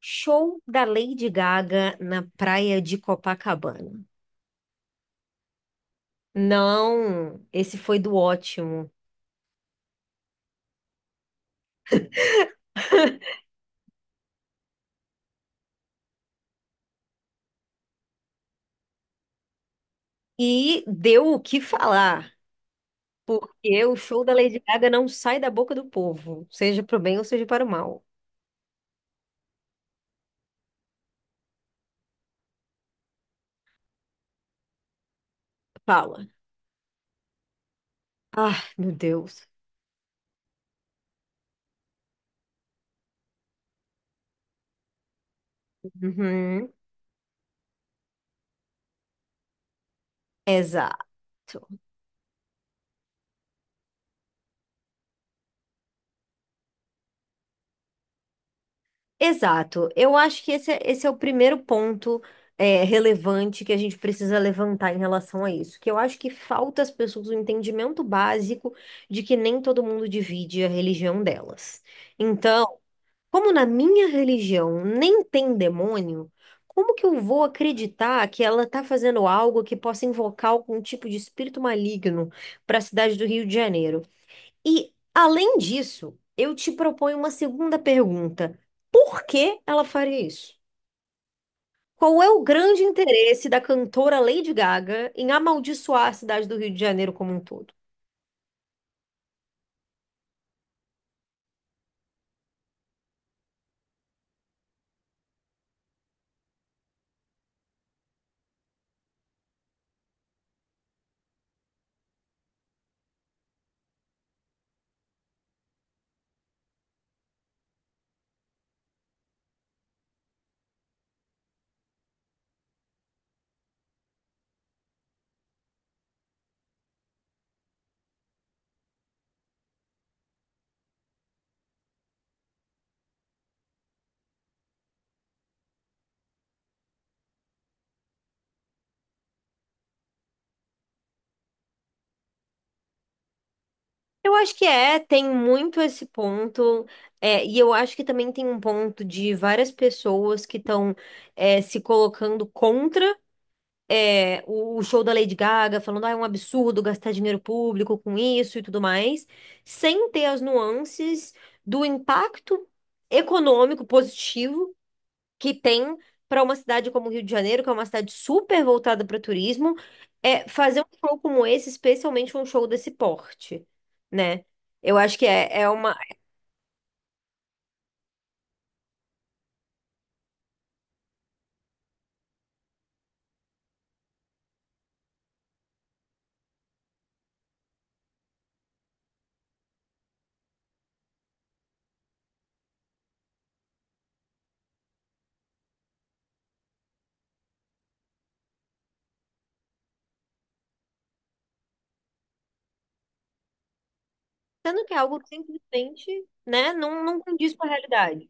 Show da Lady Gaga na praia de Copacabana. Não, esse foi do ótimo. E deu o que falar, porque o show da Lady Gaga não sai da boca do povo, seja para o bem ou seja para o mal. Fala. Ah, meu Deus. Uhum, exato. Exato. Eu acho que esse é o primeiro ponto relevante que a gente precisa levantar em relação a isso. Que eu acho que falta às pessoas o entendimento básico de que nem todo mundo divide a religião delas. Então, como na minha religião nem tem demônio, como que eu vou acreditar que ela está fazendo algo que possa invocar algum tipo de espírito maligno para a cidade do Rio de Janeiro? E, além disso, eu te proponho uma segunda pergunta. Por que ela faria isso? Qual é o grande interesse da cantora Lady Gaga em amaldiçoar a cidade do Rio de Janeiro como um todo? Eu acho que tem muito esse ponto, e eu acho que também tem um ponto de várias pessoas que estão se colocando contra o show da Lady Gaga, falando, ah, é um absurdo gastar dinheiro público com isso e tudo mais, sem ter as nuances do impacto econômico positivo que tem para uma cidade como o Rio de Janeiro, que é uma cidade super voltada para turismo, fazer um show como esse, especialmente um show desse porte, né? Eu acho que é uma. Sendo que é algo que simplesmente, né, não condiz com a realidade.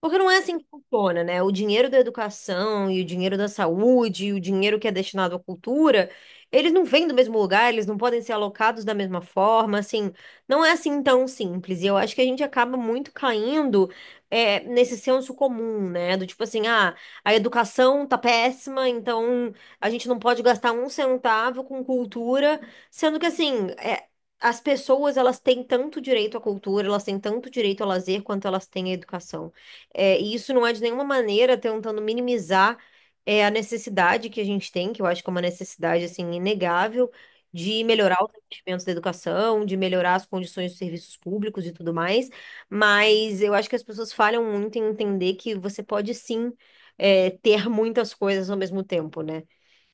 Porque não é assim que funciona, né? O dinheiro da educação e o dinheiro da saúde e o dinheiro que é destinado à cultura, eles não vêm do mesmo lugar, eles não podem ser alocados da mesma forma, assim, não é assim tão simples. E eu acho que a gente acaba muito caindo nesse senso comum, né? Do tipo assim, ah, a educação tá péssima, então a gente não pode gastar um centavo com cultura, sendo que assim, é, as pessoas, elas têm tanto direito à cultura, elas têm tanto direito ao lazer quanto elas têm à educação. É, e isso não é de nenhuma maneira tentando minimizar a necessidade que a gente tem, que eu acho que é uma necessidade assim inegável, de melhorar os investimentos da educação, de melhorar as condições dos serviços públicos e tudo mais. Mas eu acho que as pessoas falham muito em entender que você pode sim ter muitas coisas ao mesmo tempo, né?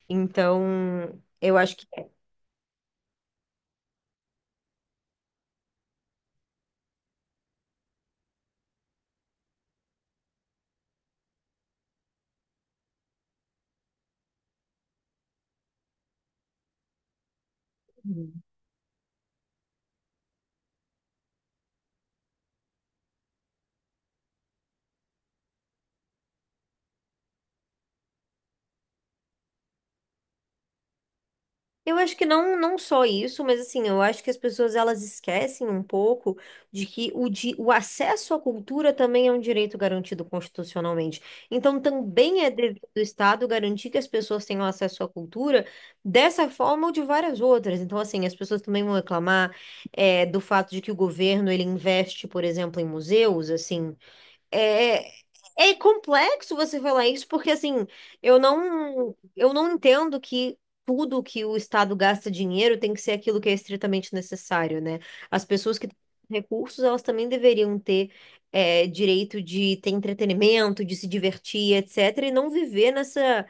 Então, eu acho que é Eu acho que não só isso, mas assim, eu acho que as pessoas elas esquecem um pouco de que o acesso à cultura também é um direito garantido constitucionalmente. Então, também é dever do Estado garantir que as pessoas tenham acesso à cultura dessa forma ou de várias outras. Então, assim, as pessoas também vão reclamar do fato de que o governo ele investe, por exemplo, em museus, assim. É, é complexo você falar isso, porque assim, eu não entendo que tudo que o Estado gasta dinheiro tem que ser aquilo que é estritamente necessário, né? As pessoas que têm recursos, elas também deveriam ter direito de ter entretenimento, de se divertir, etc., e não viver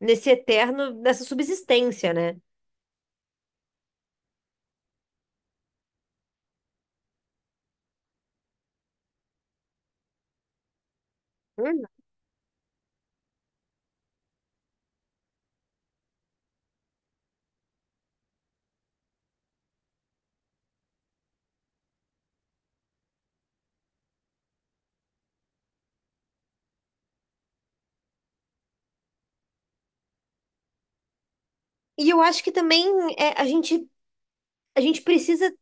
nesse eterno, nessa subsistência, né? Hum. E eu acho que também é, a gente a gente precisa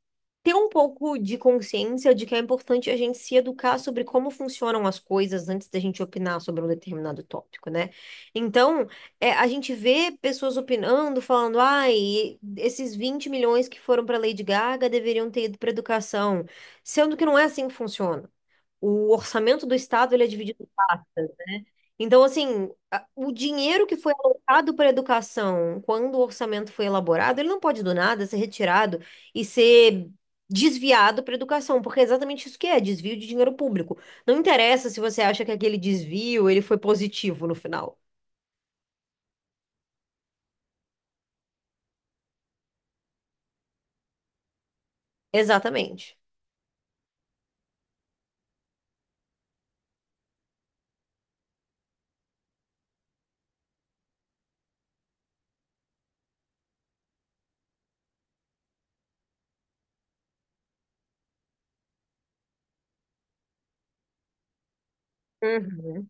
ter um pouco de consciência de que é importante a gente se educar sobre como funcionam as coisas antes da gente opinar sobre um determinado tópico, né? Então, a gente vê pessoas opinando, falando, ai, esses 20 milhões que foram para Lady Gaga deveriam ter ido para educação, sendo que não é assim que funciona. O orçamento do Estado, ele é dividido em partes. Então, assim, o dinheiro que foi alocado para a educação, quando o orçamento foi elaborado, ele não pode do nada ser retirado e ser desviado para a educação, porque é exatamente isso que é, desvio de dinheiro público. Não interessa se você acha que aquele desvio ele foi positivo no final. Exatamente. Uhum.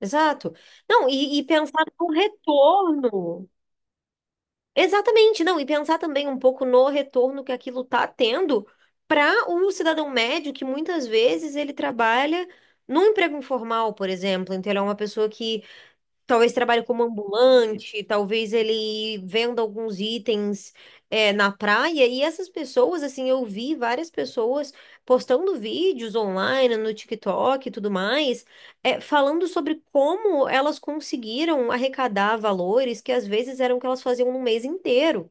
Exato. Não, e pensar no retorno. Exatamente, não, e pensar também um pouco no retorno que aquilo está tendo para o cidadão médio, que muitas vezes ele trabalha num emprego informal, por exemplo, então ele é uma pessoa que talvez trabalhe como ambulante, talvez ele venda alguns itens na praia. E essas pessoas, assim, eu vi várias pessoas postando vídeos online, no TikTok e tudo mais, falando sobre como elas conseguiram arrecadar valores que às vezes eram o que elas faziam no mês inteiro.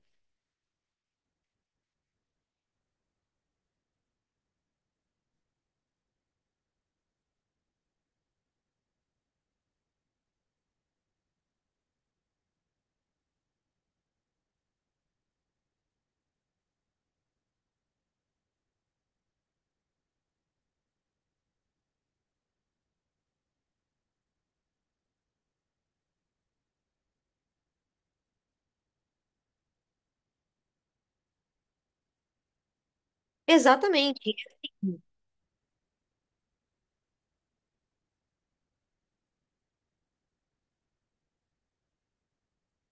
Exatamente.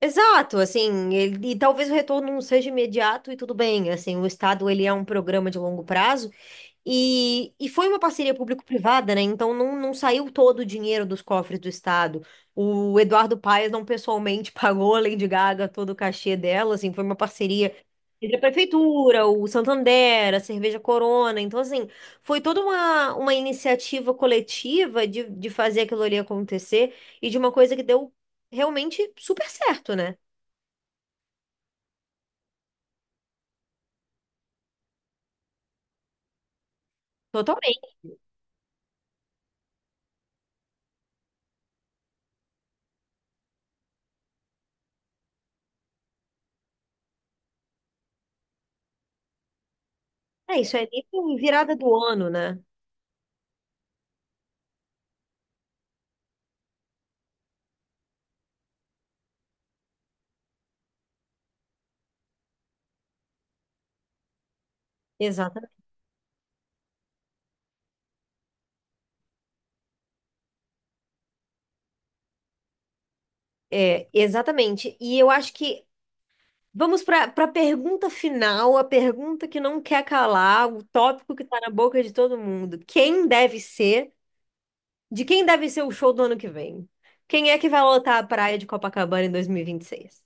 Exato, assim, e talvez o retorno não seja imediato e tudo bem, assim, o Estado ele é um programa de longo prazo, e foi uma parceria público-privada, né? Então não saiu todo o dinheiro dos cofres do Estado. O Eduardo Paes não pessoalmente pagou a Lady Gaga todo o cachê dela, assim, foi uma parceria entre a prefeitura, o Santander, a Cerveja Corona. Então, assim, foi toda uma iniciativa coletiva de fazer aquilo ali acontecer e de uma coisa que deu realmente super certo, né? Totalmente. É, isso é nível virada do ano, né? Exata, exatamente. E eu acho que. Vamos para a pergunta final, a pergunta que não quer calar, o tópico que está na boca de todo mundo. Quem deve ser? De quem deve ser o show do ano que vem? Quem é que vai lotar a praia de Copacabana em 2026?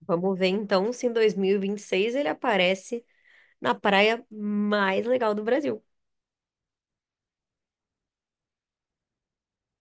Vamos ver então se em 2026 ele aparece na praia mais legal do Brasil.